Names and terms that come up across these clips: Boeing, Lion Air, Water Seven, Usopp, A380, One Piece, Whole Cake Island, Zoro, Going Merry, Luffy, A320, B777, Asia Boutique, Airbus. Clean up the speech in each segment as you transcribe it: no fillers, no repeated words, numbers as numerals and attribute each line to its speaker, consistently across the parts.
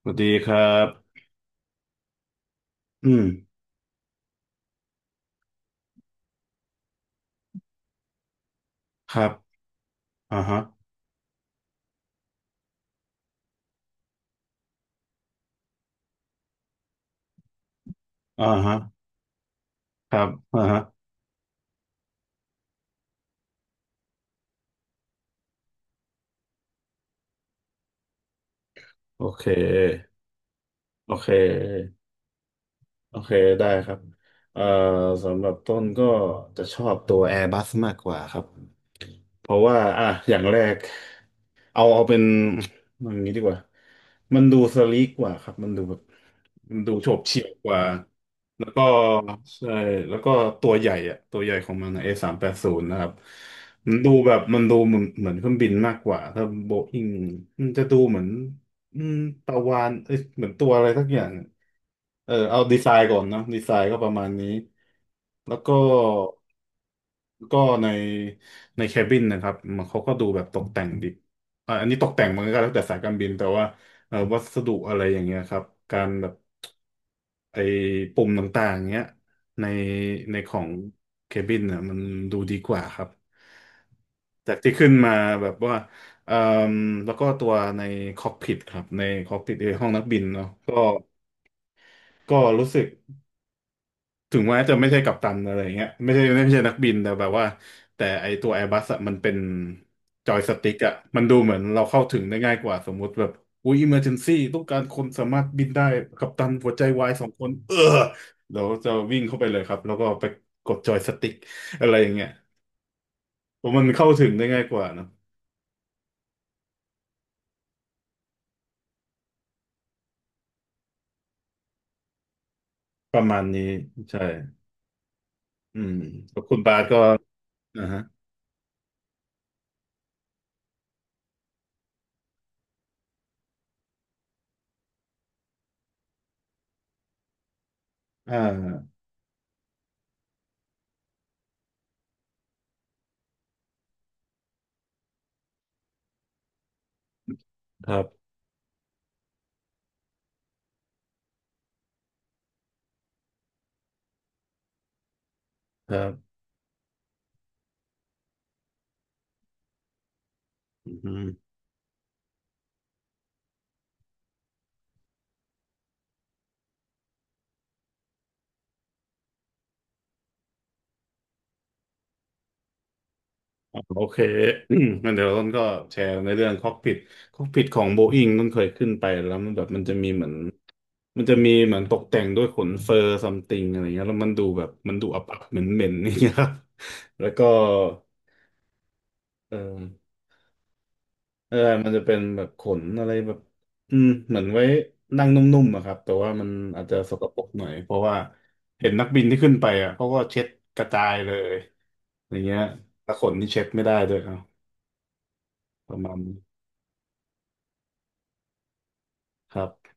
Speaker 1: สวัสดีครับ อืมครับอ่าฮะอ่าฮะ ครับอ่าฮะ โอเค โอเค โอเค ได้ครับเอ่อสำหรับต้นก็จะชอบตัว Airbus มากกว่าครับ เพราะว่า อ่ะอย่างแรก เอาเอาเป็นอย่างนี้ดีกว่ามันดูสลีกกว่าครับ มันดูแบบมันดูโฉบเฉี่ยวกว่าแล้วก็ใช่แล้วก็ตัวใหญ่อะตัวใหญ่ของมันนะA380นะครับมันดูแบบมันดูเหมือนเหมือนเครื่องบินมากกว่าถ้าโบอิงมันจะดูเหมือนอืมปลาวาฬเอ้ยเหมือนตัวอะไรสักอย่างอะเออเอาดีไซน์ก่อนเนอะดีไซน์ก็ประมาณนี้แล้วก็ก็ในในแคบินนะครับมันเขาก็ดูแบบตกแต่งดี อ่าอันนี้ตกแต่งมันก็แล้วแต่สายการบินแต่ว่าวัสดุอะไรอย่างเงี้ยครับการแบบไอ้ปุ่มต่างๆเงี้ยในในของเคบินน่ะมันดูดีกว่าครับจากที่ขึ้นมาแบบว่าเอ่มแล้วก็ตัวในคอกพิทครับในคอกพิทในห้องนักบินเนาะก็ก็รู้สึก ถึงแม้จะไม่ใช่กัปตันอะไรเงี้ยไม่ใช่ไม่ใช่นักบินแต่แบบว่าแต่ไอตัว Airbus อะมันเป็นจอยสติ๊กอะมันดูเหมือนเราเข้าถึงได้ง่ายกว่าสมมุติแบบอุ้ย emergency ต้องการคนสามารถบินได้กัปตันหัวใจวาย2 คนเออเราจะวิ่งเข้าไปเลยครับแล้วก็ไปกดจอยสติ๊กอะไรอย่างเงี้ยเพราะมันเข้าถึงได้ง่ายกว่าเนอะประมาณนี้ใช่อืมแล้วคุณบาสก็นะฮะอ่าครับครับอืม อ่าโอเค งั้นเดี๋ยวต้นก็แชร์ในเรื่องคอกพิทคอกพิทของโบอิงต้นเคยขึ้นไปแล้วมันแบบมันจะมีเหมือนมันจะมีเหมือนตกแต่งด้วยขนเฟอร์ซัมติงอะไรเงี้ยแล้วมันดูแบบมันดูอับอับเหม็นเหม็นนี่างเงี้ยครับ แล้วก็เออเออมันจะเป็นแบบขนอะไรแบบเหมือนไว้นั่งนุ่มๆอะครับแต่ว่ามันอาจจะสกปรกหน่อยเพราะว่าเห็นนักบินที่ขึ้นไปอ่ะเขาก็เช็ดกระจายเลยอย่างเงี้ยแต่ขนนี่เช็ดไม่ได้ด้วยเอาประมาณนี้ครับ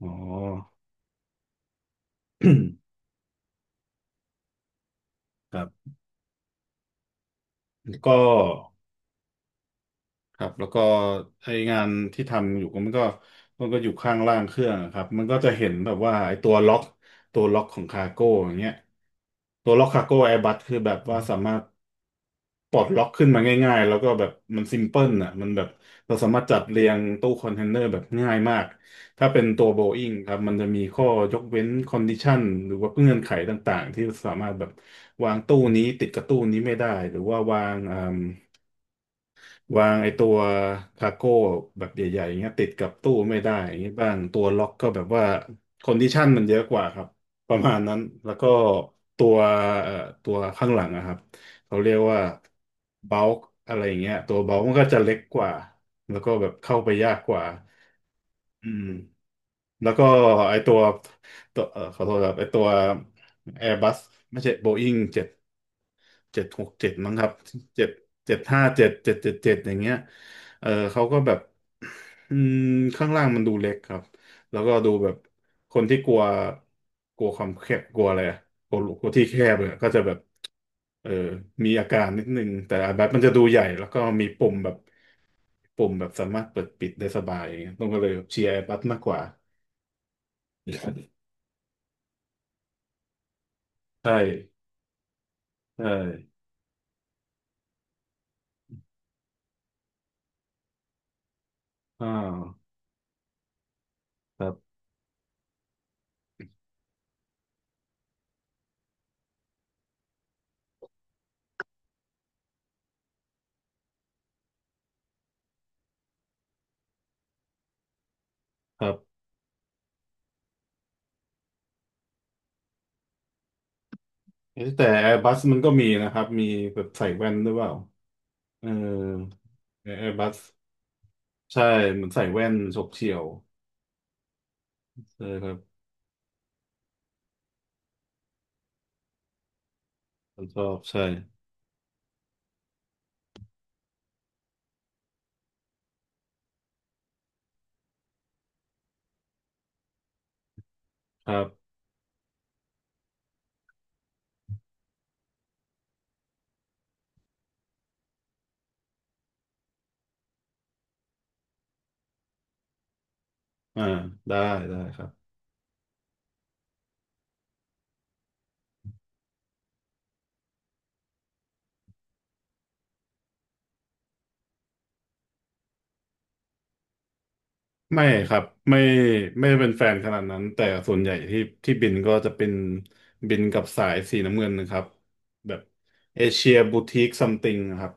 Speaker 1: อ๋อ ครับก็ ครับแล้วก็ไองานที่ทำอยู่ก็มันก็มันก็อยู่ข้างล่างเครื่องอะครับมันก็จะเห็นแบบว่าไอตัวล็อกตัวล็อกของคาร์โก้อย่างเงี้ยตัวล็อกคาร์โก้แอร์บัสคือแบบว่าสามารถปลดล็อกขึ้นมาง่ายๆแล้วก็แบบมันซิมเพิลอ่ะมันแบบเราสามารถจัดเรียงตู้คอนเทนเนอร์แบบง่ายมากถ้าเป็นตัวโบอิ n งครับมันจะมีข้อยกเว้นคอนดิชันหรือว่าเงื่อนไขต่างๆที่สามารถแบบวางตู้นี้ติดกับตู้นี้ไม่ได้หรือว่าวาง วางไอ้ตัวคาร์โก้แบบใหญ่ๆอย่างเงี้ยติดกับตู้ไม่ได้อย่างเงี้ยบ้างตัวล็อกก็แบบว่าคอนดิชันมันเยอะกว่าครับประมาณนั้นแล้วก็ตัวเอ่อตัวข้างหลังนะครับเขาเรียกว่าเบล k อะไรอย่างเงี้ยตัวเบล k มันก็จะเล็กกว่าแล้วก็แบบเข้าไปยากกว่า อืมแล้วก็ไอตัวตัวขอโทษครับไอตัว Airbus ไม่ใช่ Boeing เจ็ด767มั้งครับเจ็ด757เจ็ดเจ็ดเจ็ดอย่างเงี้ยเออเขาก็แบบอืมข้างล่างมันดูเล็กครับแล้วก็ดูแบบคนที่กลัวกลัวความแคบกลัวอะไรอะกลัวกลัวที่แคบเนี่ยก็จะแบบเออมีอาการนิดนึงแต่อาบบมันจะดูใหญ่แล้วก็มีปุ่มแบบ ปุ่มแบบสามารถเปิดปิดได้สบาย ต้องก็เลยเชียร์ Airbus มากกว่า ใช่ ใช่อ่าครับครับเอ๊ะแต่ Airbus มันก็มีนะครับ มีแบบใส่แว่นด้วยเปล่าเออ Airbus ใช่เหมือนใส่แว่นฉกเฉี่ยว ใช่ครับผมชอบใช่ครับอ่าได้ ได้ครับ ไม่ครับไม่ไม่ได้เป็นแฟนขนาดนั้นแต่ส่วนใหญ่ที่ที่บินก็จะเป็นบินกับสายสีน้ำเงินนะครับแบบเอเชียบูติกซัมติงครับ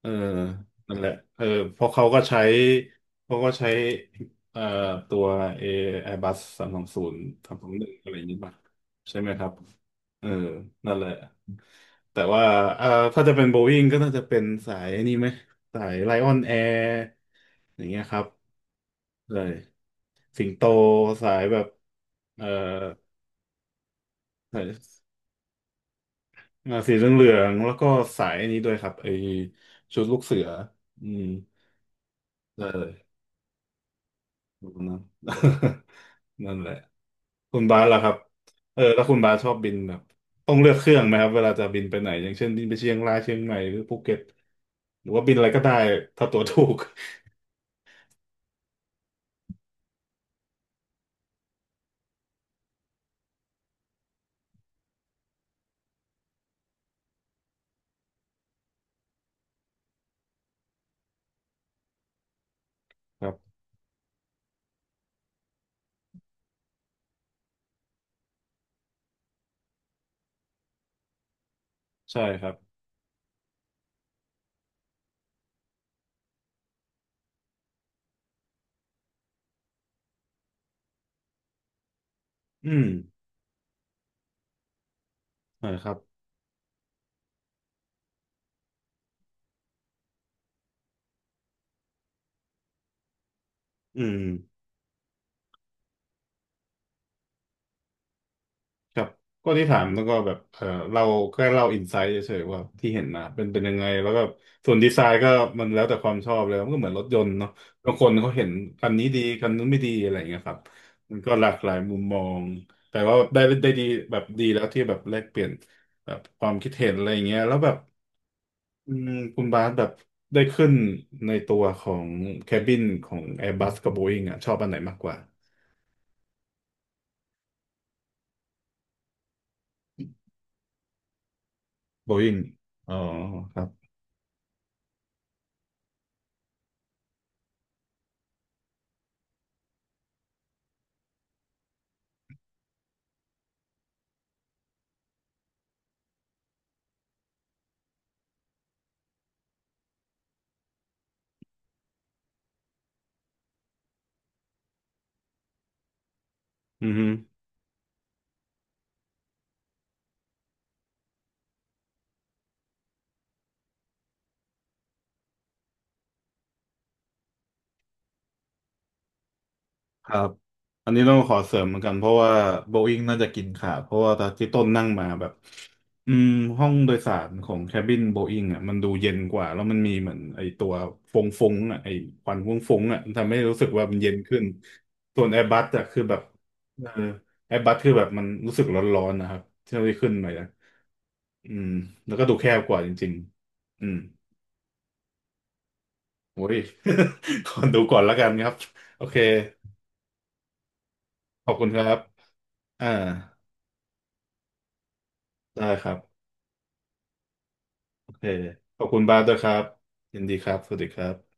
Speaker 1: เออนั่นแหละเออเพราะเขาก็ใช้เขาก็ใช้เอ่อตัวเอแอร์บัส320321อะไรอย่างนี้ป่ะใช่ไหมครับเออนั่นแหละแต่ว่าเอ่อถ้าจะเป็นโบอิ n งก็น่าจะเป็นสายนี่ไหมสายไลออนแอร์อย่างเงี้ยครับเลย สิงโตสายแบบเอ่อสายราศีเหลืองๆแล้วก็สายอันนี้ด้วยครับไอชุดลูกเสืออืมได้เลยดูนะ นั่น แหละคุณบาสล่ะครับเออแล้วคุณบาสชอบบินแบบต้องเลือกเครื่องไหมครับเวลาจะบินไปไหนอย่างเช่นบินไปเชียงรายเชียงใหม่หรือภูเก็ตหรือว่าบินอะไรก็ได้ถ้าตั๋วถูก ครับใช่ครับอืมใช่ครับอืม ครับก็ที่ถามแล้วก็แบบเออเราแค่เล่าอินไซต์เฉยๆว่าที่เห็นนะเป็นเป็นยังไงแล้วก็ส่วนดีไซน์ก็มันแล้วแต่ความชอบเลยมันก็เหมือนรถยนต์เนาะบางคนเขาเห็นคันนี้ดีคันนู้นไม่ดีอะไรอย่างเงี้ยครับมันก็หลากหลายมุมมองแต่ว่าได้ได้ดีแบบดีแล้วที่แบบแลกเปลี่ยนแบบความคิดเห็นอะไรอย่างเงี้ยแล้วแบบอืมคุณบาสแบบได้ขึ้นในตัวของแคบินของ Airbus กับ Boeing อ่ะชอบอันไหนมากกว่า Boeing อ๋อครับอืม ครับอันนี้ต้องขอเสริมเหมือนกันเพราะว่าโบอิ n งน่าจะกินขาดเพราะว่าตอนที่ต้นนั่งมาแบบอืมห้องโดยสารของแคบินโบอิ n งอ่ะมันดูเย็นกว่าแล้วมันมีเหมือนไอตัวฟงฟงอ่ะไอควันฟงฟงอ่ะมันทำให้รู้สึกว่ามันเย็นขึ้นส่วนแอร์บัสอ่ะคือแบบเออแอร์บัสคือแบบมันรู้สึกร้อนๆนะครับเที่ยวที่ขึ้นไปนะอืมแล้วก็ดูแคบกว่าจริงๆอืมโอ้ย ขอดูก่อนละกันครับโอเคขอบคุณครับอ่า ได้ครับโอเคขอบคุณบาสด้วยครับยินดีครับสวัสดีครับ